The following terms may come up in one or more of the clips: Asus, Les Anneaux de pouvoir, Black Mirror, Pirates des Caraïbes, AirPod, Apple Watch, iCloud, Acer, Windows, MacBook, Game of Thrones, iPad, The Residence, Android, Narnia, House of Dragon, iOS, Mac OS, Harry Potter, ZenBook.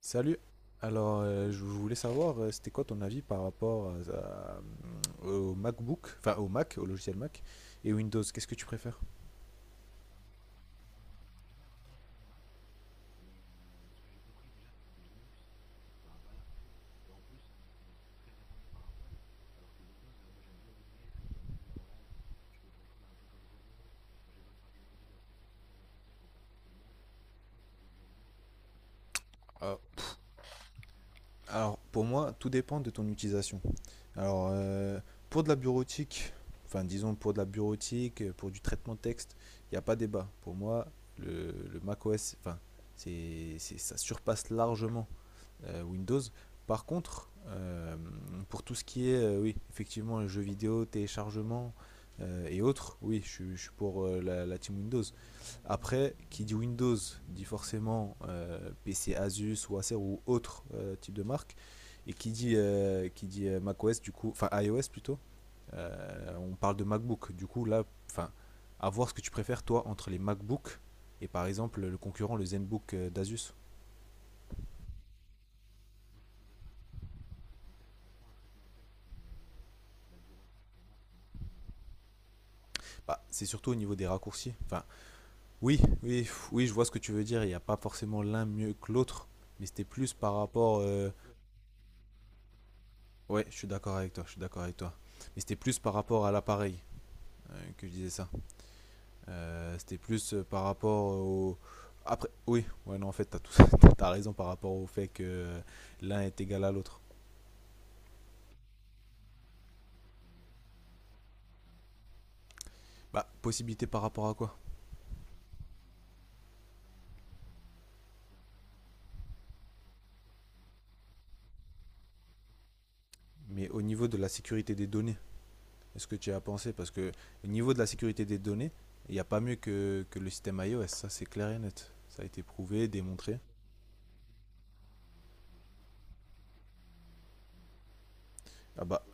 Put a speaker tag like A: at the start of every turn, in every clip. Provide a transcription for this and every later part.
A: Salut. Alors, je voulais savoir, c'était quoi ton avis par rapport au MacBook, enfin au Mac, au logiciel Mac et Windows. Qu'est-ce que tu préfères? Euh, alors, pour moi, tout dépend de ton utilisation. Alors, pour de la bureautique, enfin disons pour de la bureautique, pour du traitement de texte, il n'y a pas débat. Pour moi, le Mac OS, enfin, ça surpasse largement Windows. Par contre, pour tout ce qui est, oui, effectivement, jeux vidéo, téléchargement et autres, oui, je suis pour la team Windows. Après, qui dit Windows dit forcément PC Asus ou Acer ou autre type de marque. Et qui dit macOS, du coup, enfin iOS plutôt, on parle de MacBook. Du coup, là, enfin, à voir ce que tu préfères, toi, entre les MacBooks et par exemple le concurrent, le ZenBook d'Asus. Bah, c'est surtout au niveau des raccourcis. Enfin, oui, oui, oui, je vois ce que tu veux dire. Il n'y a pas forcément l'un mieux que l'autre, mais c'était plus par rapport. Ouais, je suis d'accord avec toi, je suis d'accord avec toi. Mais c'était plus par rapport à l'appareil que je disais ça. C'était plus par rapport au. Après, oui, ouais, non, en fait, t'as tout... raison par rapport au fait que l'un est égal à l'autre. Bah, possibilité par rapport à quoi? Mais au niveau de la sécurité des données, est-ce que tu y as pensé? Parce que au niveau de la sécurité des données, il n'y a pas mieux que le système iOS, ça c'est clair et net. Ça a été prouvé, démontré. Ah bah,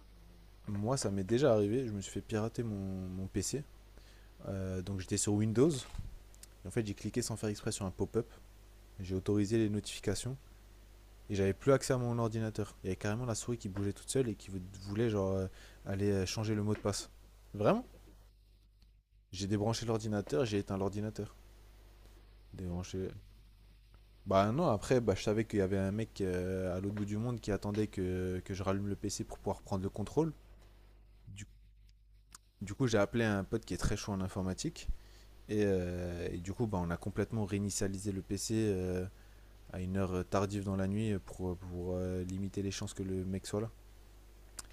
A: moi ça m'est déjà arrivé, je me suis fait pirater mon PC. Donc j'étais sur Windows. Et en fait, j'ai cliqué sans faire exprès sur un pop-up. J'ai autorisé les notifications. Et j'avais plus accès à mon ordinateur. Il y avait carrément la souris qui bougeait toute seule et qui voulait genre aller changer le mot de passe. Vraiment. J'ai débranché l'ordinateur, j'ai éteint l'ordinateur. Débranché. Bah non, après, bah, je savais qu'il y avait un mec à l'autre bout du monde qui attendait que je rallume le PC pour pouvoir prendre le contrôle. Du, du coup, j'ai appelé un pote qui est très chaud en informatique. Et du coup, bah, on a complètement réinitialisé le PC à une heure tardive dans la nuit pour limiter les chances que le mec soit là.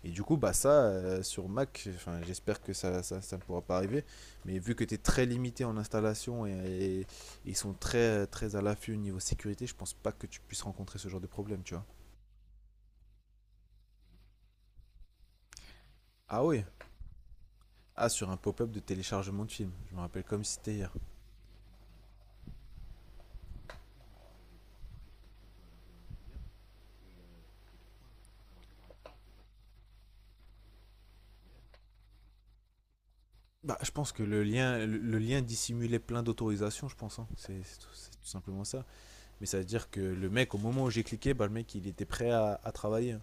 A: Et du coup, bah ça, sur Mac, enfin, j'espère que ça ne pourra pas arriver. Mais vu que tu es très limité en installation et, ils sont très, très à l'affût au niveau sécurité, je pense pas que tu puisses rencontrer ce genre de problème, tu vois. Ah oui. Ah, sur un pop-up de téléchargement de film. Je me rappelle comme si c'était hier. Bah, je pense que le lien dissimulait plein d'autorisations, je pense, hein. C'est tout simplement ça. Mais ça veut dire que le mec, au moment où j'ai cliqué, bah, le mec, il était prêt à travailler.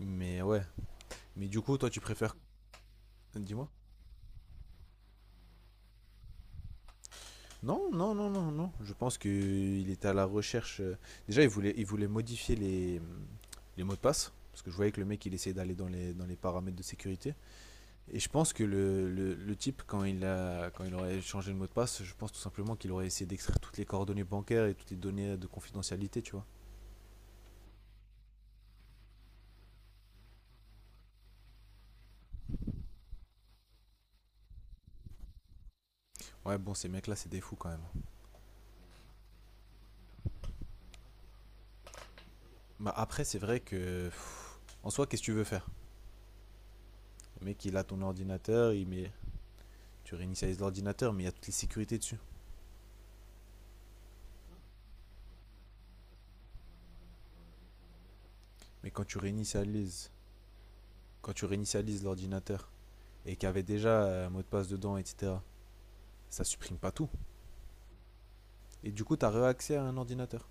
A: Mais ouais. Mais du coup, toi, tu préfères. Dis-moi. Non, non, non, non, non. Je pense qu'il était à la recherche. Déjà, il voulait modifier les mots de passe. Parce que je voyais que le mec, il essayait d'aller dans les paramètres de sécurité. Et je pense que le type, quand il aurait changé le mot de passe, je pense tout simplement qu'il aurait essayé d'extraire toutes les coordonnées bancaires et toutes les données de confidentialité, tu vois. Ouais, bon, ces mecs-là, c'est des fous quand même. Bah, après, c'est vrai que. En soi, qu'est-ce que tu veux faire? Le mec, il a ton ordinateur, il met... tu réinitialises l'ordinateur, mais il y a toutes les sécurités dessus. Mais quand tu réinitialises l'ordinateur et qu'il y avait déjà un mot de passe dedans, etc., ça supprime pas tout. Et du coup, tu as réaccès à un ordinateur.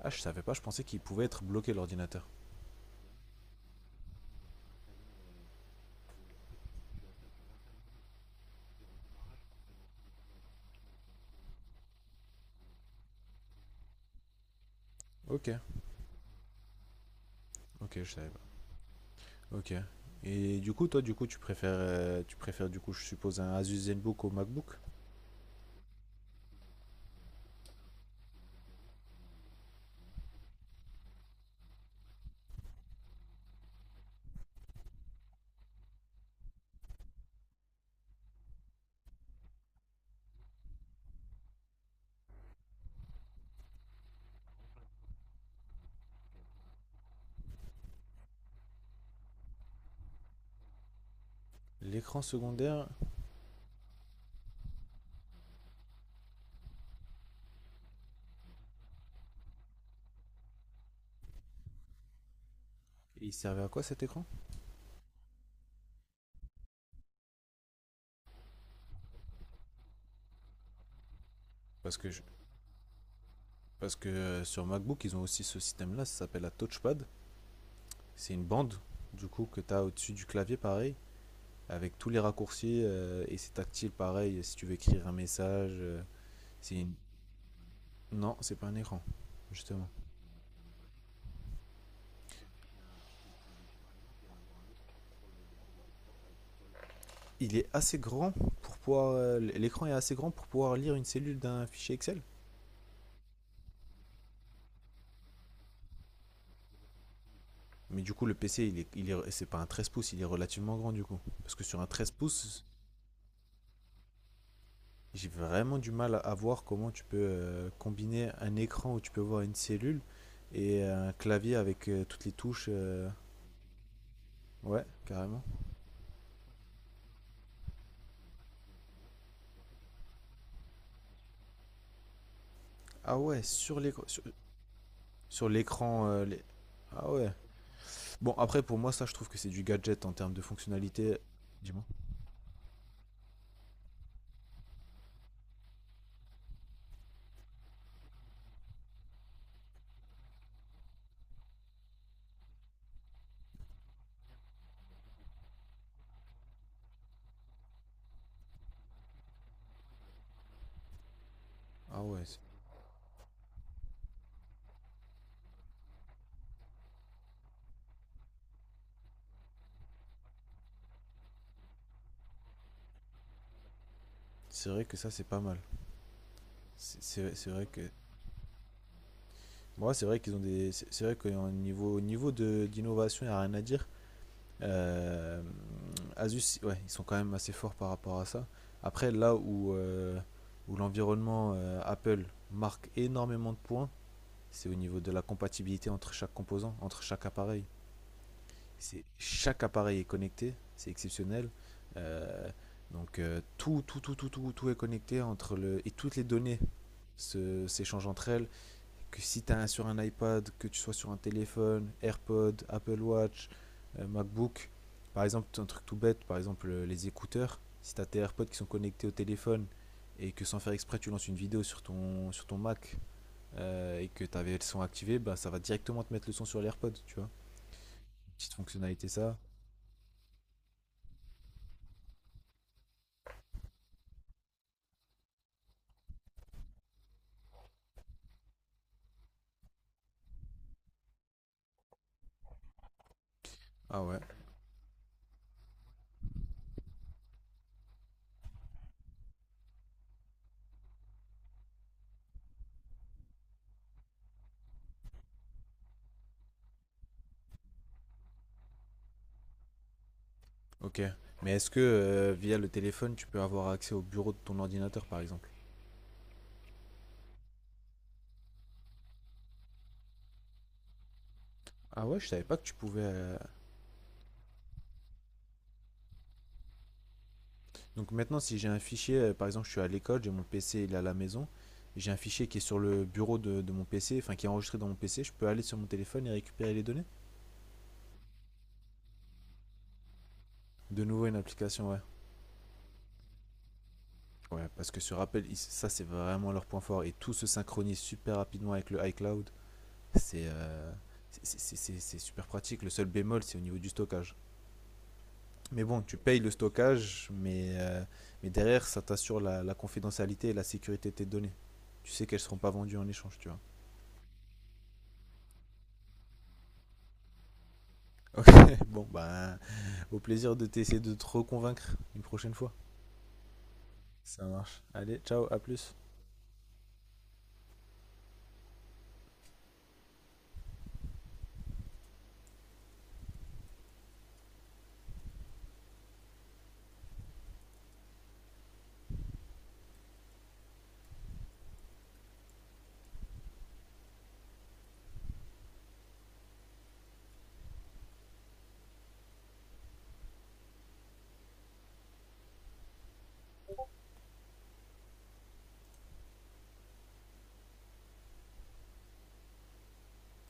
A: Ah, je savais pas, je pensais qu'il pouvait être bloqué l'ordinateur. Ok, ok, je savais pas. Ok. Et du coup, toi, du coup, tu préfères, du coup, je suppose, un Asus ZenBook au MacBook. L'écran secondaire, il servait à quoi cet écran? Parce que, je- parce que sur MacBook, ils ont aussi ce système-là, ça s'appelle la touchpad. C'est une bande, du coup, que tu as au-dessus du clavier, pareil, avec tous les raccourcis, et c'est tactile, pareil, si tu veux écrire un message. C'est une- Non, c'est pas un écran, justement. Il est assez grand pour pouvoir... L'écran est assez grand pour pouvoir lire une cellule d'un fichier Excel. Mais du coup, le PC, c'est pas un 13 pouces, il est relativement grand, du coup. Parce que sur un 13 pouces, j'ai vraiment du mal à voir comment tu peux combiner un écran où tu peux voir une cellule et un clavier avec toutes les touches. Ouais, carrément. Ah ouais, sur l'écran. Sur l'écran. Ah ouais. Bon, après, pour moi, ça, je trouve que c'est du gadget en termes de fonctionnalité. Dis-moi. Ah ouais, vrai que ça, c'est pas mal. C'est- Vrai que. Moi, c'est vrai qu'ils ont des. C'est vrai qu'au niveau, d'innovation, il n'y a rien à dire. Euh, Asus, ouais, ils sont quand même assez forts par rapport à ça. Après, là où l'environnement Apple marque énormément de points, c'est au niveau de la compatibilité entre chaque composant, entre chaque appareil. C'est chaque appareil est connecté, c'est exceptionnel. Euh, donc tout est connecté entre le et toutes les données s'échangent entre elles. Que si tu as sur un iPad, que tu sois sur un téléphone, AirPod, Apple Watch, MacBook, par exemple un truc tout bête, par exemple les écouteurs. Si tu as tes AirPods qui sont connectés au téléphone et que sans faire exprès tu lances une vidéo sur ton Mac et que tu avais le son activé, bah, ça va directement te mettre le son sur l'AirPod, tu vois. Petite fonctionnalité ça. Ah ouais. Ok. Mais est-ce que via le téléphone, tu peux avoir accès au bureau de ton ordinateur, par exemple? Ah ouais, je savais pas que tu pouvais. Donc maintenant, si j'ai un fichier, par exemple, je suis à l'école, j'ai mon PC, il est à la maison, et j'ai un fichier qui est sur le bureau de mon PC, enfin qui est enregistré dans mon PC, je peux aller sur mon téléphone et récupérer les données? De nouveau, une application, ouais. Ouais, parce que ce rappel, ça, c'est vraiment leur point fort, et tout se synchronise super rapidement avec le iCloud. C'est euh, c'est super pratique. Le seul bémol, c'est au niveau du stockage. Mais bon, tu payes le stockage, mais derrière, ça t'assure la confidentialité et la sécurité de tes données. Tu sais qu'elles seront pas vendues en échange, tu vois. Ok, bon, ben, au plaisir de t'essayer de te reconvaincre une prochaine fois. Ça marche. Allez, ciao, à plus.